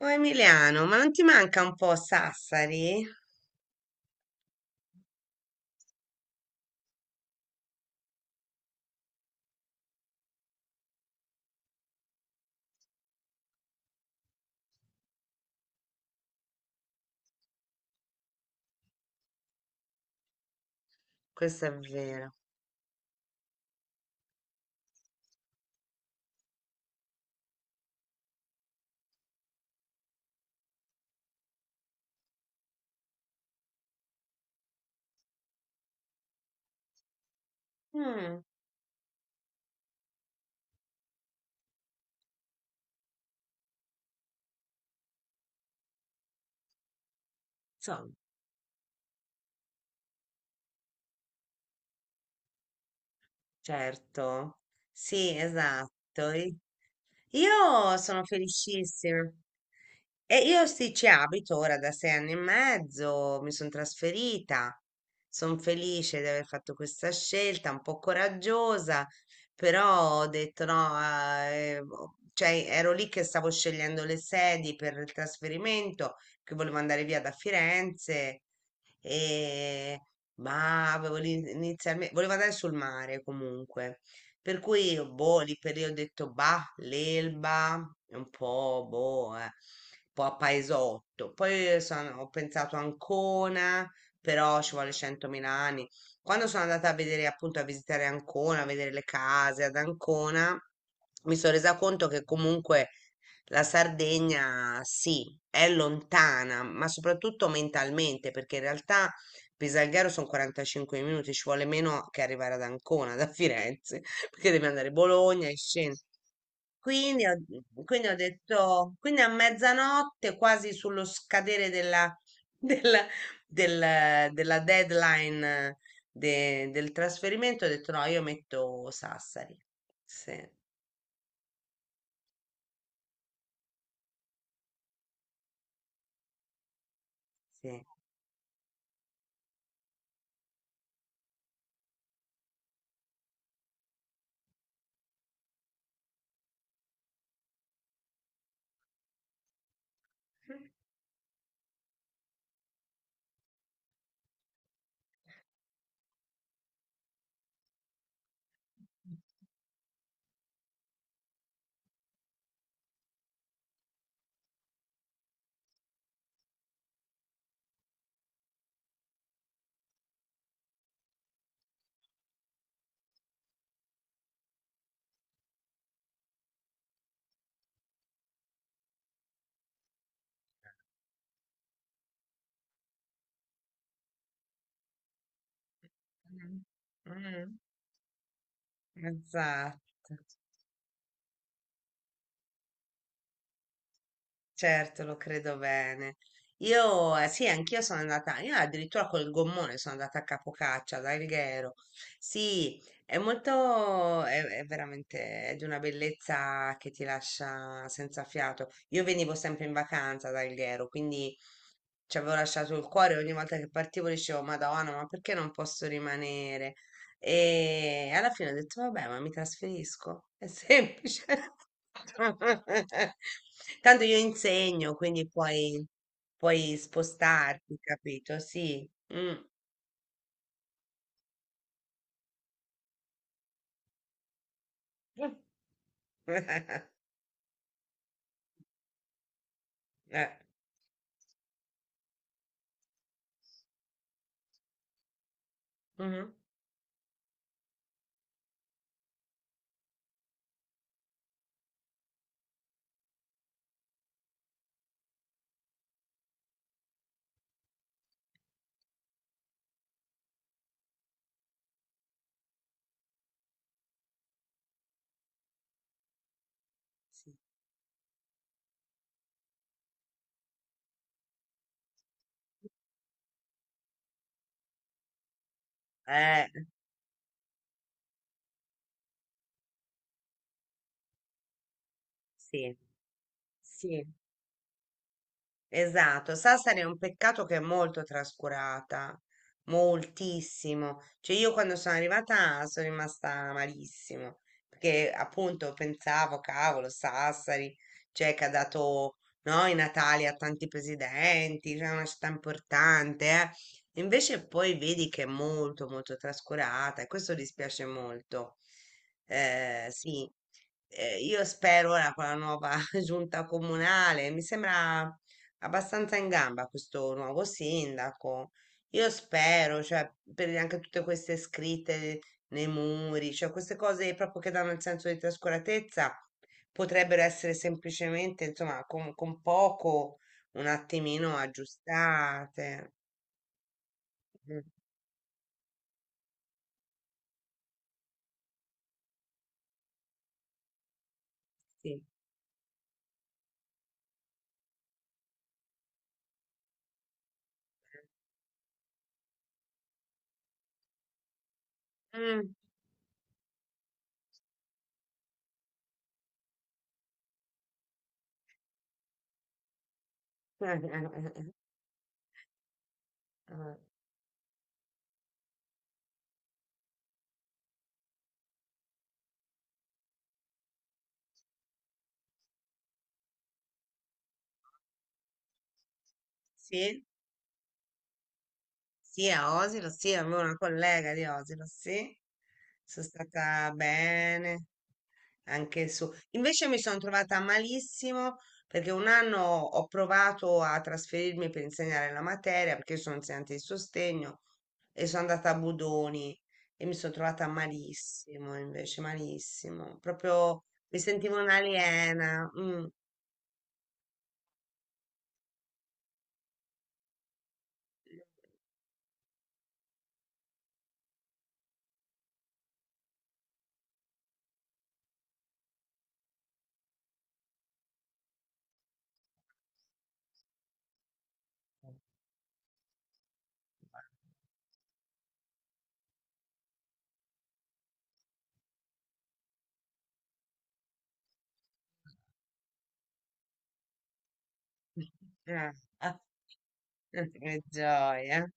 Oh Emiliano, ma non ti manca un po' Sassari? Questo è vero. Mm, insomma, certo. Sì, esatto. I- Io sono felicissima. Io sì, ci abito ora da 6 anni e mezzo, mi sono trasferita. Sono felice di aver fatto questa scelta, un po' coraggiosa, però ho detto no, cioè ero lì che stavo scegliendo le sedi per il trasferimento, che volevo andare via da Firenze e- ma inizialmente, volevo andare sul mare comunque, per cui boh, lì per lì ho detto bah, l'Elba, è un po' un po' a paesotto. Ho pensato a Ancona, però ci vuole 100.000 anni. Quando sono andata a vedere, appunto, a visitare Ancona, a vedere le case ad Ancona, mi sono resa conto che comunque la Sardegna sì, è lontana, ma soprattutto mentalmente, perché in realtà Pisalghero sono 45 minuti, ci vuole meno che arrivare ad Ancona da Firenze, perché devi andare a Bologna e scendere. Quindi ho, quindi ho detto, quindi a mezzanotte, quasi sullo scadere della, della, della deadline del trasferimento, ho detto no, io metto Sassari. Sì, sì. Mm. Mm. Esatto, certo, lo credo bene. Io, sì, anch'io sono andata, io addirittura col gommone sono andata a Capocaccia, ad Alghero. Sì, è veramente è di una bellezza che ti lascia senza fiato. Io venivo sempre in vacanza ad Alghero, quindi ci avevo lasciato il cuore, ogni volta che partivo dicevo, Madonna, ma perché non posso rimanere? E alla fine ho detto, vabbè, ma mi trasferisco, è semplice. Tanto io insegno, puoi spostarti, capito? Sì. Mm. Eh. Mhm. Sì. Eh, sì, sì. Esatto, Sassari è un peccato che è molto trascurata, moltissimo. Cioè io quando sono arrivata sono rimasta malissimo, perché appunto pensavo, cavolo, Sassari, cioè che ha dato no, i Natali a tanti presidenti, cioè è una città importante, eh. Invece poi vedi che è molto molto trascurata e questo dispiace molto. Sì. Io spero ora con la nuova giunta comunale, mi sembra abbastanza in gamba questo nuovo sindaco. Io spero, cioè, per anche tutte queste scritte nei muri, cioè queste cose proprio che danno il senso di trascuratezza, potrebbero essere semplicemente, insomma, con poco, un attimino aggiustate. Mm. Sì. Mm. Sì, sì, a Osilo, sì, avevo una collega di Osilo, sì. Sono stata bene. Anche il suo. Invece mi sono trovata malissimo perché un anno ho provato a trasferirmi per insegnare la materia, perché io sono insegnante di sostegno e sono andata a Budoni e mi sono trovata malissimo, invece malissimo, proprio mi sentivo un'aliena. Mm. Ah, ah, che gioia.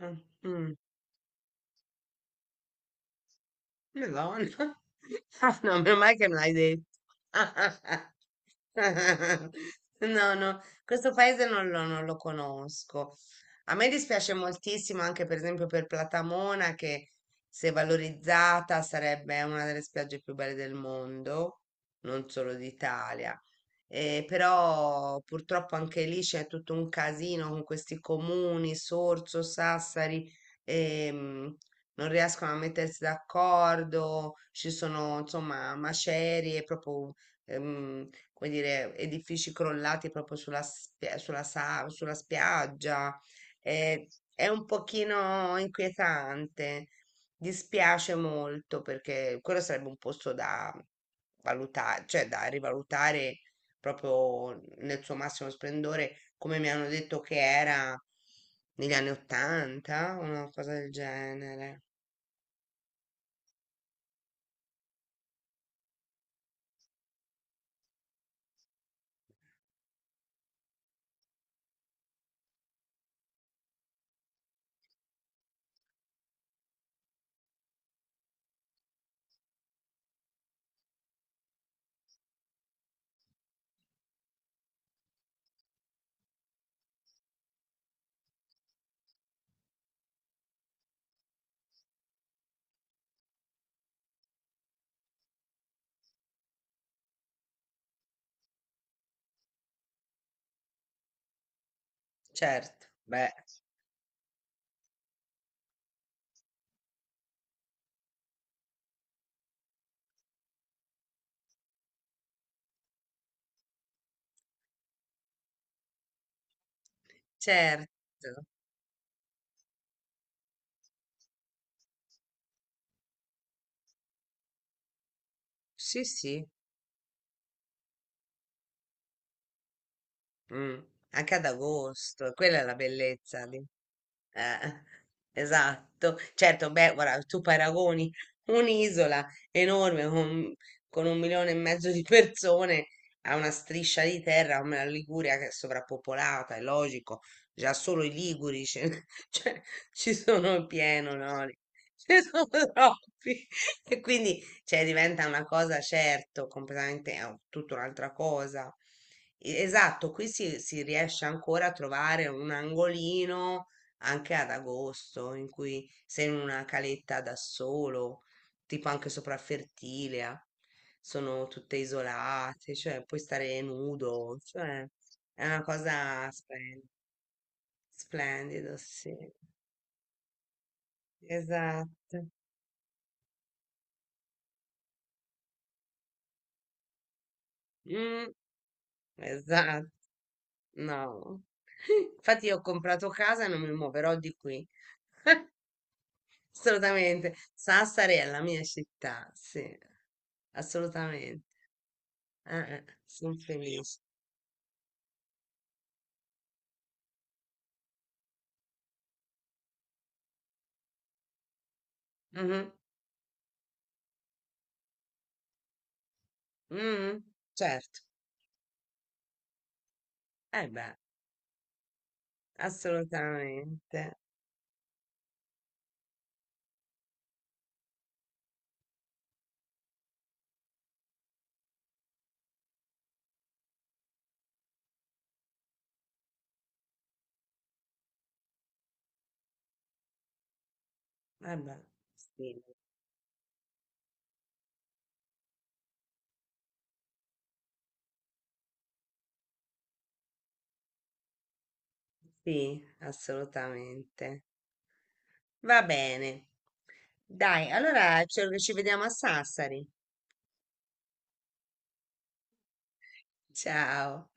Mm, mm. Madonna. Ah, no, meno male che me l'hai detto. No, no, questo paese non lo conosco. A me dispiace moltissimo anche per esempio per Platamona che se valorizzata sarebbe una delle spiagge più belle del mondo, non solo d'Italia. Però purtroppo anche lì c'è tutto un casino con questi comuni, Sorso, Sassari, ehm, non riescono a mettersi d'accordo, ci sono insomma macerie, proprio come dire, edifici crollati proprio sulla spiaggia. Eh, è un pochino inquietante, dispiace molto perché quello sarebbe un posto da valutare, cioè da rivalutare proprio nel suo massimo splendore, come mi hanno detto che era negli anni Ottanta, una cosa del genere. Certo, beh, certo. Sì, sì. Mm. Anche ad agosto, quella è la bellezza di... Eh, esatto, certo, beh, guarda, tu paragoni un'isola enorme con un milione e mezzo di persone a una striscia di terra come la Liguria che è sovrappopolata, è logico, già solo i liguri, ce- cioè, ci sono pieno, no? Ce ne sono troppi e quindi cioè, diventa una cosa, certo, completamente tutta un'altra cosa. Esatto, qui si riesce ancora a trovare un angolino anche ad agosto, in cui sei in una caletta da solo, tipo anche sopra Fertilia, sono tutte isolate, cioè puoi stare nudo, cioè è una cosa splendida, sì, esatto. Mm, esatto, no. Infatti io ho comprato casa e non mi muoverò di qui, assolutamente. Sassari è la mia città, sì, assolutamente. Sono felice. Mhm. Mm, certo, eh beh, assolutamente. Eh beh, sì, sì, assolutamente. Va bene. Dai, allora ci vediamo a Sassari. Ciao.